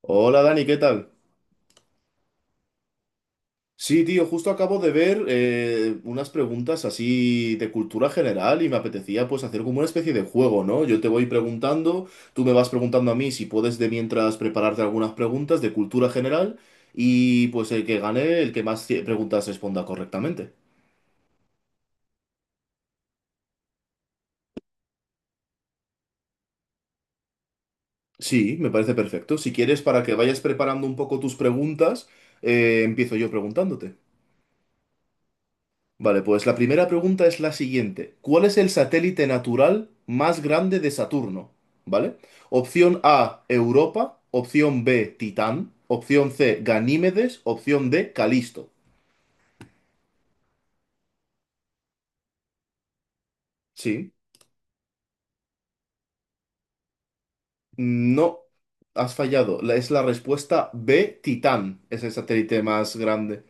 Hola Dani, ¿qué tal? Sí, tío, justo acabo de ver unas preguntas así de cultura general y me apetecía pues hacer como una especie de juego, ¿no? Yo te voy preguntando, tú me vas preguntando a mí si puedes de mientras prepararte algunas preguntas de cultura general y pues el que gane, el que más preguntas responda correctamente. Sí, me parece perfecto. Si quieres, para que vayas preparando un poco tus preguntas, empiezo yo preguntándote. Vale, pues la primera pregunta es la siguiente. ¿Cuál es el satélite natural más grande de Saturno? ¿Vale? Opción A, Europa. Opción B, Titán. Opción C, Ganímedes. Opción D, Calisto. Sí. No, has fallado. Es la respuesta B, Titán. Es el satélite más grande.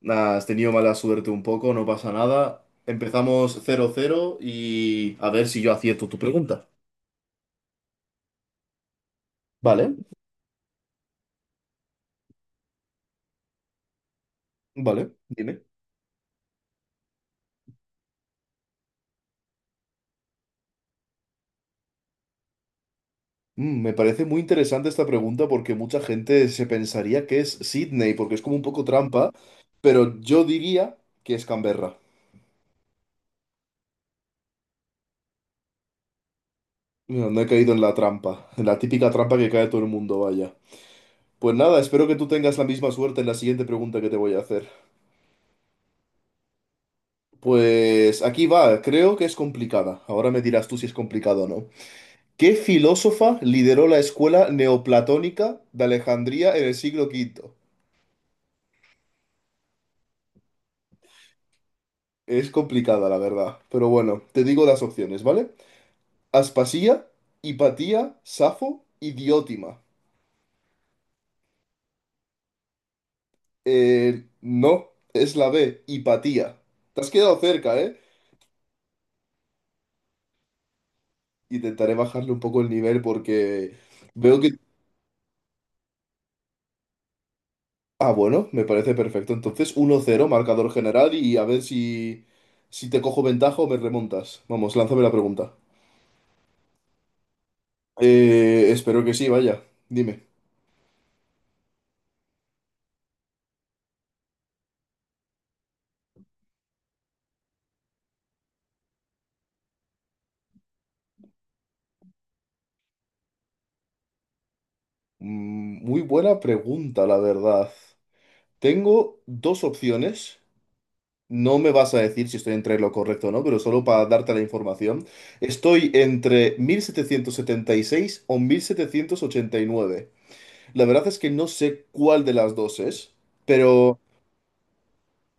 Nah, has tenido mala suerte un poco, no pasa nada. Empezamos cero cero y a ver si yo acierto tu pregunta. Vale, vale, dime. Mm, me parece muy interesante esta pregunta porque mucha gente se pensaría que es Sydney, porque es como un poco trampa, pero yo diría que es Canberra. No, no he caído en la trampa, en la típica trampa que cae todo el mundo, vaya. Pues nada, espero que tú tengas la misma suerte en la siguiente pregunta que te voy a hacer. Pues aquí va, creo que es complicada. Ahora me dirás tú si es complicado o no. ¿Qué filósofa lideró la escuela neoplatónica de Alejandría en el siglo quinto? Es complicada, la verdad, pero bueno, te digo las opciones, ¿vale? Aspasía, Hipatía, Safo y Diótima. No, es la B, Hipatía. Te has quedado cerca, ¿eh? Intentaré bajarle un poco el nivel porque veo que... Ah, bueno, me parece perfecto. Entonces, 1-0, marcador general y a ver si, si te cojo ventaja o me remontas. Vamos, lánzame la pregunta. Espero que sí, vaya. Dime. Mm, muy buena pregunta, la verdad. Tengo dos opciones. No me vas a decir si estoy entre lo correcto o no, pero solo para darte la información, estoy entre 1776 o 1789. La verdad es que no sé cuál de las dos es, pero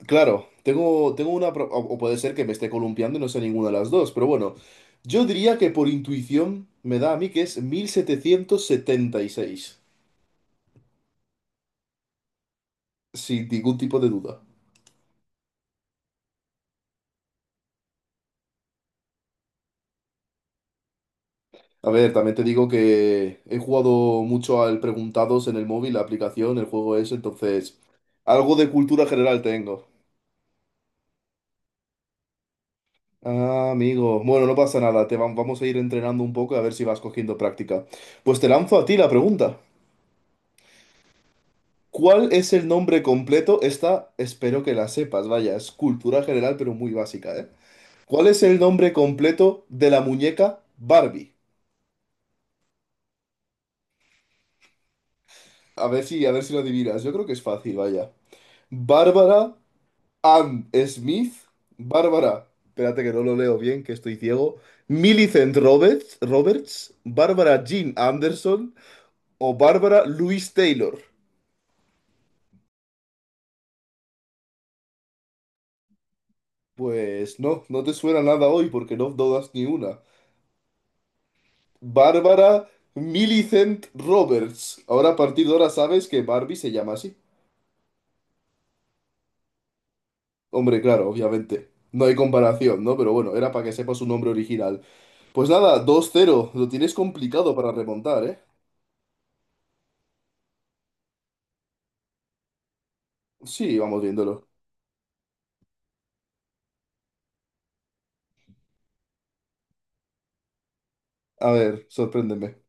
claro, tengo una... O, o puede ser que me esté columpiando y no sé ninguna de las dos, pero bueno, yo diría que por intuición me da a mí que es 1776 sin ningún tipo de duda. A ver, también te digo que he jugado mucho al Preguntados en el móvil, la aplicación, el juego ese. Entonces algo de cultura general tengo. Ah, amigo. Bueno, no pasa nada, te vamos a ir entrenando un poco a ver si vas cogiendo práctica. Pues te lanzo a ti la pregunta. ¿Cuál es el nombre completo? Esta espero que la sepas, vaya, es cultura general, pero muy básica, ¿eh? ¿Cuál es el nombre completo de la muñeca Barbie? A ver si lo adivinas. Yo creo que es fácil, vaya. Bárbara Ann Smith, Bárbara, espérate que no lo leo bien, que estoy ciego, Millicent Roberts, Roberts, Bárbara Jean Anderson o Bárbara Louise Taylor. Pues no, no te suena nada hoy porque no dudas ni una. Bárbara Millicent Roberts. Ahora a partir de ahora sabes que Barbie se llama así. Hombre, claro, obviamente. No hay comparación, ¿no? Pero bueno, era para que sepas su nombre original. Pues nada, dos cero. Lo tienes complicado para remontar, ¿eh? Sí, vamos viéndolo. A ver, sorpréndeme.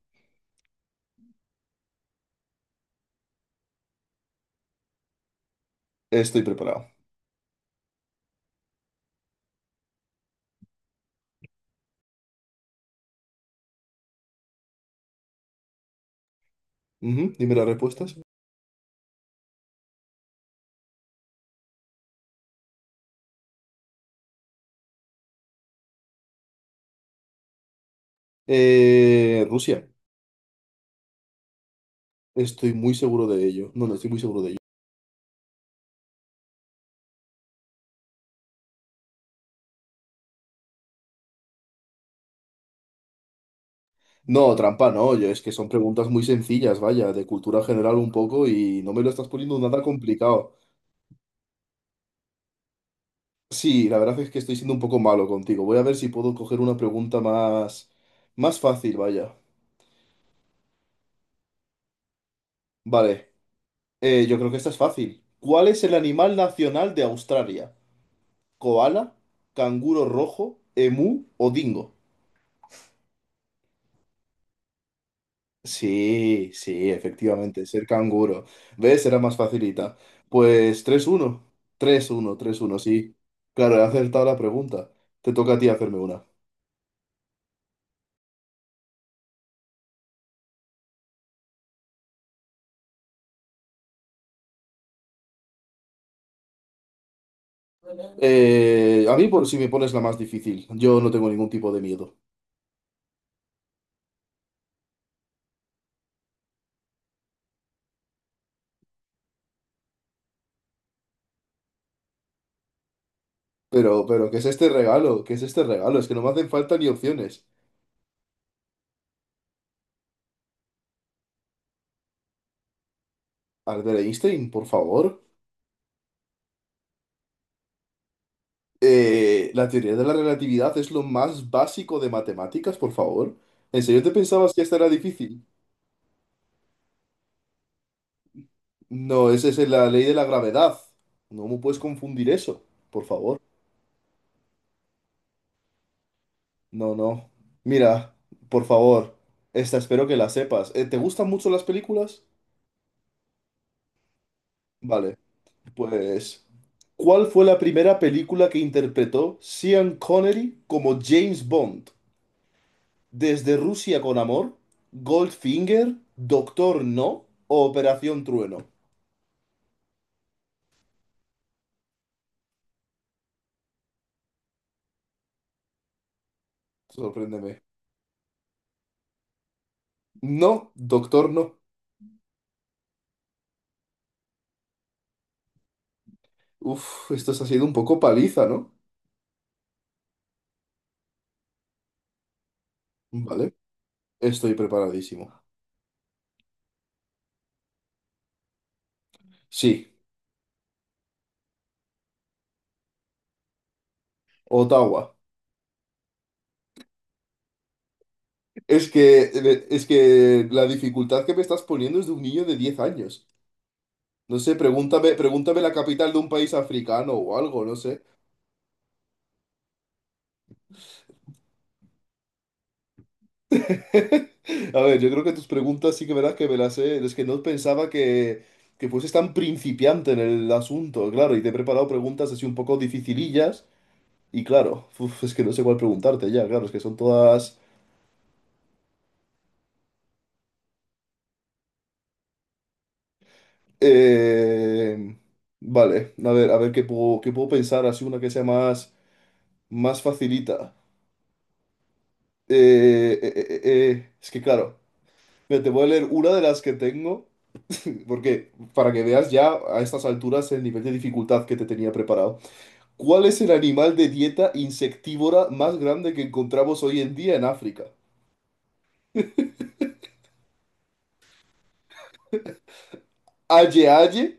Estoy preparado. Ujú, dime las respuestas. Rusia. Estoy muy seguro de ello. No, no, estoy muy seguro de ello. No, trampa, no. Yo, es que son preguntas muy sencillas, vaya, de cultura general un poco y no me lo estás poniendo nada complicado. Sí, la verdad es que estoy siendo un poco malo contigo. Voy a ver si puedo coger una pregunta más, más fácil, vaya. Vale, yo creo que esta es fácil. ¿Cuál es el animal nacional de Australia? ¿Koala, canguro rojo, emú o dingo? Sí, sí, efectivamente, ser canguro. ¿Ves? Era más facilita. Pues tres uno, tres uno, tres uno, sí. Claro, he acertado la pregunta. Te toca a ti hacerme una. A mí, por si me pones la más difícil, yo no tengo ningún tipo de miedo. Pero, ¿qué es este regalo? ¿Qué es este regalo? Es que no me hacen falta ni opciones. Albert Einstein, por favor. La teoría de la relatividad es lo más básico de matemáticas, por favor. ¿En serio te pensabas que esta era difícil? No, esa es la ley de la gravedad. No me puedes confundir eso, por favor. No, no. Mira, por favor, esta espero que la sepas. ¿Te gustan mucho las películas? Vale, pues, ¿cuál fue la primera película que interpretó Sean Connery como James Bond? ¿Desde Rusia con amor? ¿Goldfinger? ¿Doctor No? ¿O Operación Trueno? Sorpréndeme. No, Doctor No. Uf, esto se ha sido un poco paliza, ¿no? Vale. Estoy preparadísimo. Sí, Ottawa. Es que, es que la dificultad que me estás poniendo es de un niño de 10 años. No sé, pregúntame, pregúntame la capital de un país africano o algo, no sé. A ver, yo creo que tus preguntas sí que verás que me las sé. Es que no pensaba que fueses tan principiante en el asunto, claro. Y te he preparado preguntas así un poco dificilillas. Y claro, uf, es que no sé cuál preguntarte ya, claro. Es que son todas. Eh, vale, a ver, a ver qué puedo pensar, así una que sea más, más facilita. Eh, eh, eh, eh, es que claro, mira, te voy a leer una de las que tengo, porque para que veas ya a estas alturas el nivel de dificultad que te tenía preparado. ¿Cuál es el animal de dieta insectívora más grande que encontramos hoy en día en África? ¿Aye aye?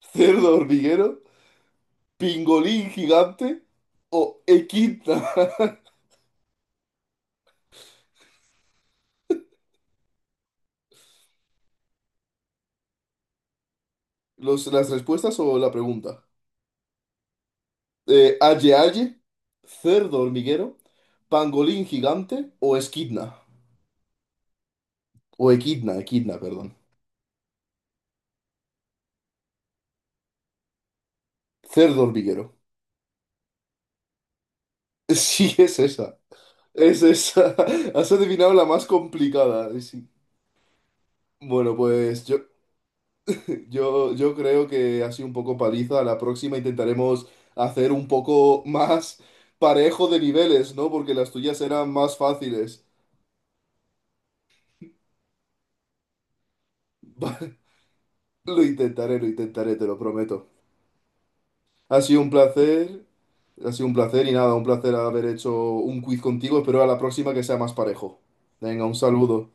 ¿Cerdo hormiguero? ¿Pingolín gigante? ¿O equidna? Los, ¿las respuestas o la pregunta? Aye Aye, Cerdo Hormiguero, Pangolín Gigante o Esquidna. O Equidna, Equidna, perdón. Cerdo Hormiguero. Sí, es esa. Es esa. Has adivinado la más complicada. Sí. Bueno, pues yo creo que ha sido un poco paliza. La próxima intentaremos hacer un poco más parejo de niveles, ¿no? Porque las tuyas eran más fáciles. Vale, lo intentaré, lo intentaré, te lo prometo. Ha sido un placer, ha sido un placer y nada, un placer haber hecho un quiz contigo. Espero a la próxima que sea más parejo. Venga, un saludo.